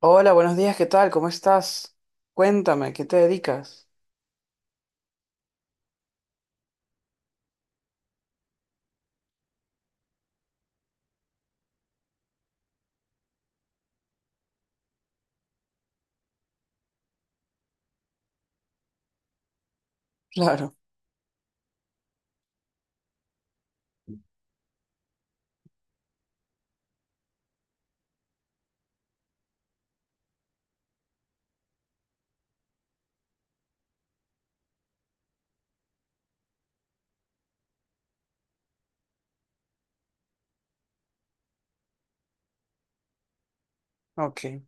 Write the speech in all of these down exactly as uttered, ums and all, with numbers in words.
Hola, buenos días, ¿qué tal? ¿Cómo estás? Cuéntame, ¿qué te dedicas? Claro, ok.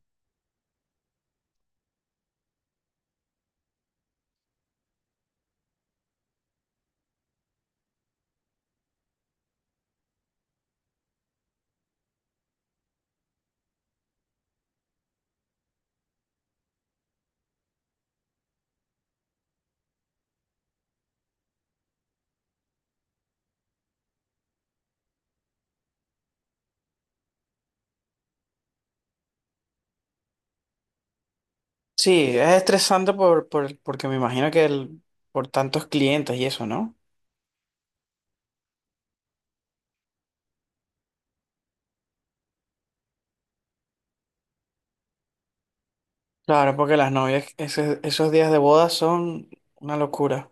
Sí, es estresante por, por, porque me imagino que el, por tantos clientes y eso, ¿no? Claro, porque las novias, ese- esos días de boda son una locura.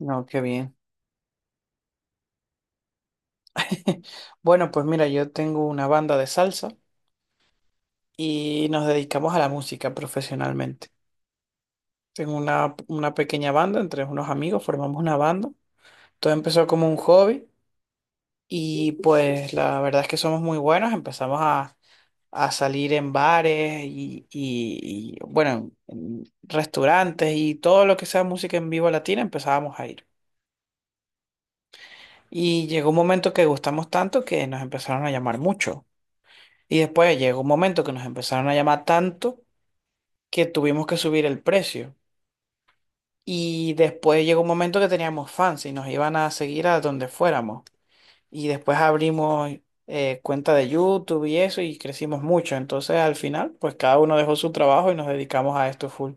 No, qué bien. Bueno, pues mira, yo tengo una banda de salsa y nos dedicamos a la música profesionalmente. Tengo una, una pequeña banda entre unos amigos, formamos una banda. Todo empezó como un hobby. Y pues la verdad es que somos muy buenos, empezamos a, a salir en bares y, y- y, bueno, en restaurantes y todo lo que sea música en vivo latina empezábamos a ir. Y llegó un momento que gustamos tanto que nos empezaron a llamar mucho. Y después llegó un momento que nos empezaron a llamar tanto que tuvimos que subir el precio. Y después llegó un momento que teníamos fans y nos iban a seguir a donde fuéramos. Y después abrimos eh, cuenta de YouTube y eso y crecimos mucho. Entonces al final, pues cada uno dejó su trabajo y nos dedicamos a esto full.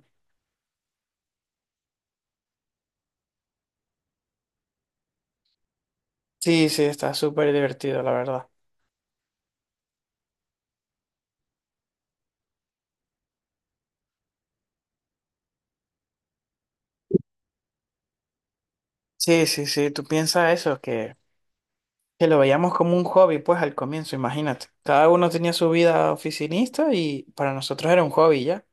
Sí, sí, está súper divertido, la verdad. Sí, sí, sí, tú piensas eso, que, que lo veíamos como un hobby, pues al comienzo, imagínate. Cada uno tenía su vida oficinista y para nosotros era un hobby ya.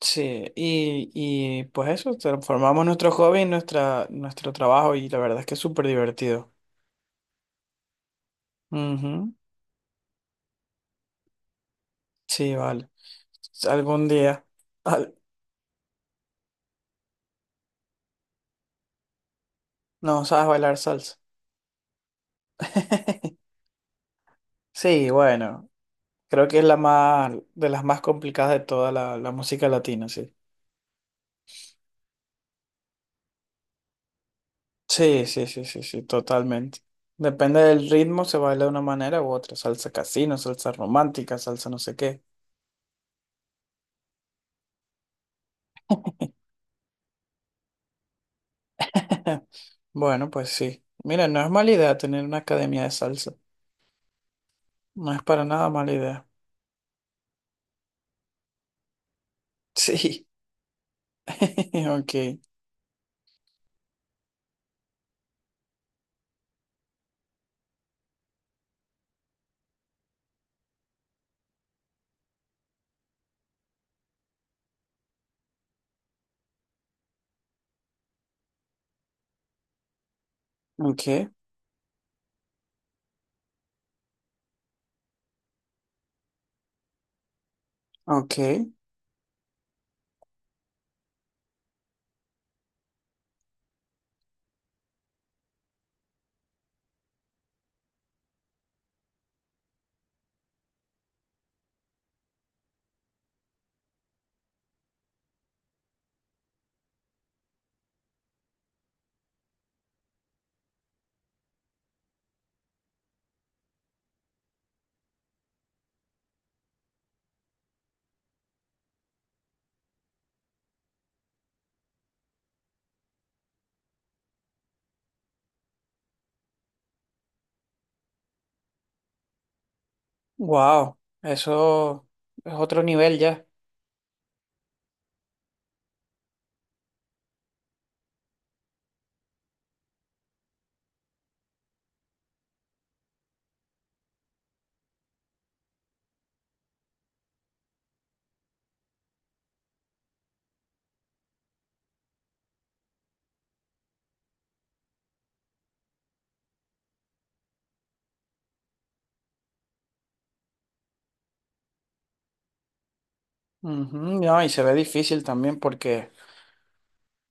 Sí, y, y pues eso, transformamos nuestro hobby en nuestra, nuestro trabajo y la verdad es que es súper divertido. Ujú, sí, vale. Algún día. Al- no sabes bailar salsa. Sí, bueno, creo que es la más, de las más complicadas de toda la, la música latina, sí. Sí, sí, sí, sí, sí, totalmente. Depende del ritmo, se baila de una manera u otra. Salsa casino, salsa romántica, salsa no sé qué. Bueno, pues sí. Mira, no es mala idea tener una academia de salsa. No es para nada mala idea. Sí. Ok, ok, ok. Wow, eso es otro nivel ya. Ujú, no, y se ve difícil también porque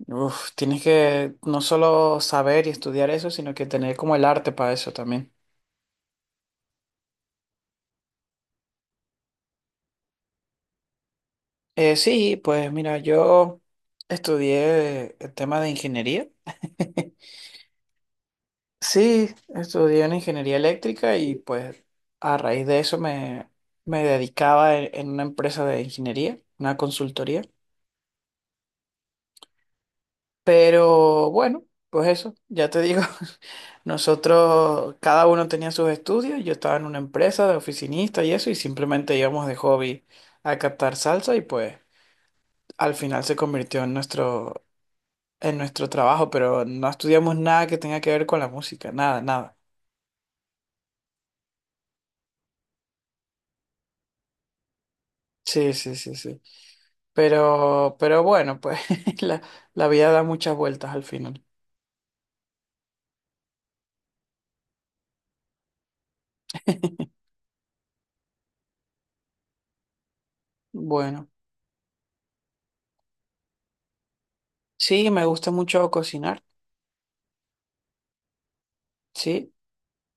uf, tienes que no solo saber y estudiar eso, sino que tener como el arte para eso también. Eh, sí, pues mira, yo estudié el tema de ingeniería. Sí, estudié en ingeniería eléctrica y pues a raíz de eso me, me dedicaba en en una empresa de ingeniería, una consultoría. Pero bueno, pues eso, ya te digo, nosotros, cada uno tenía sus estudios, yo estaba en una empresa de oficinista y eso, y simplemente íbamos de hobby a captar salsa y pues al final se convirtió en nuestro, en nuestro trabajo, pero no estudiamos nada que tenga que ver con la música, nada, nada. Sí, sí, sí, sí. Pero, pero bueno, pues la, la vida da muchas vueltas al final. Bueno, sí, me gusta mucho cocinar, sí.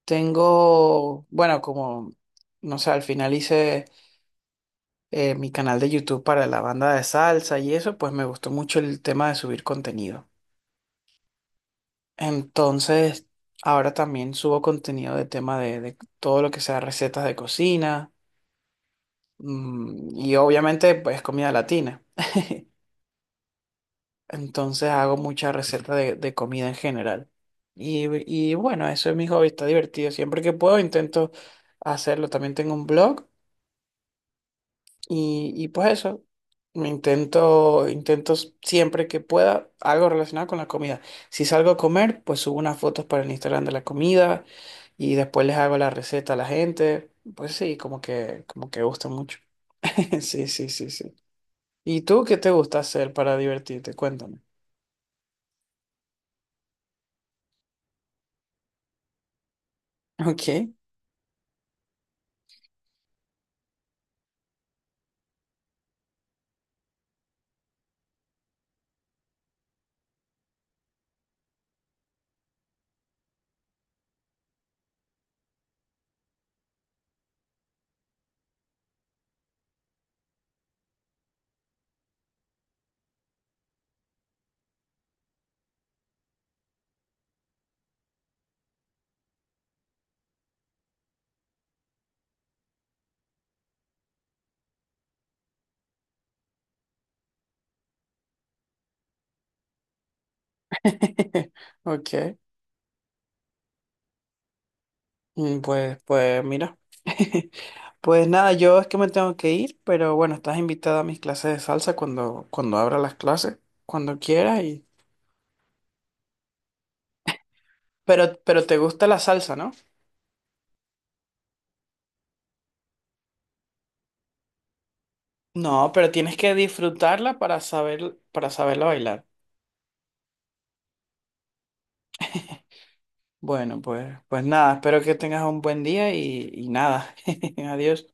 Tengo, bueno, como, no sé, al final hice eh, mi canal de YouTube para la banda de salsa y eso, pues me gustó mucho el tema de subir contenido. Entonces, ahora también subo contenido de tema de, de todo lo que sea recetas de cocina mm, y obviamente pues comida latina. Entonces hago muchas recetas de, de comida en general. Y, y bueno, eso es mi hobby, está divertido. Siempre que puedo intento hacerlo. También tengo un blog. Y, y pues eso, me intento, intento siempre que pueda algo relacionado con la comida. Si salgo a comer, pues subo unas fotos para el Instagram de la comida y después les hago la receta a la gente. Pues sí, como que, como que gusta mucho. Sí, sí, sí, sí. ¿Y tú qué te gusta hacer para divertirte? Cuéntame. Ok. Ok. Mm, Pues, pues mira. Pues nada, yo es que me tengo que ir, pero bueno, estás invitada a mis clases de salsa cuando, cuando abra las clases, cuando quieras y... Pero, pero te gusta la salsa, ¿no? No, pero tienes que disfrutarla para saber, para saberla bailar. Bueno, pues, pues nada, espero que tengas un buen día y, y nada. Adiós.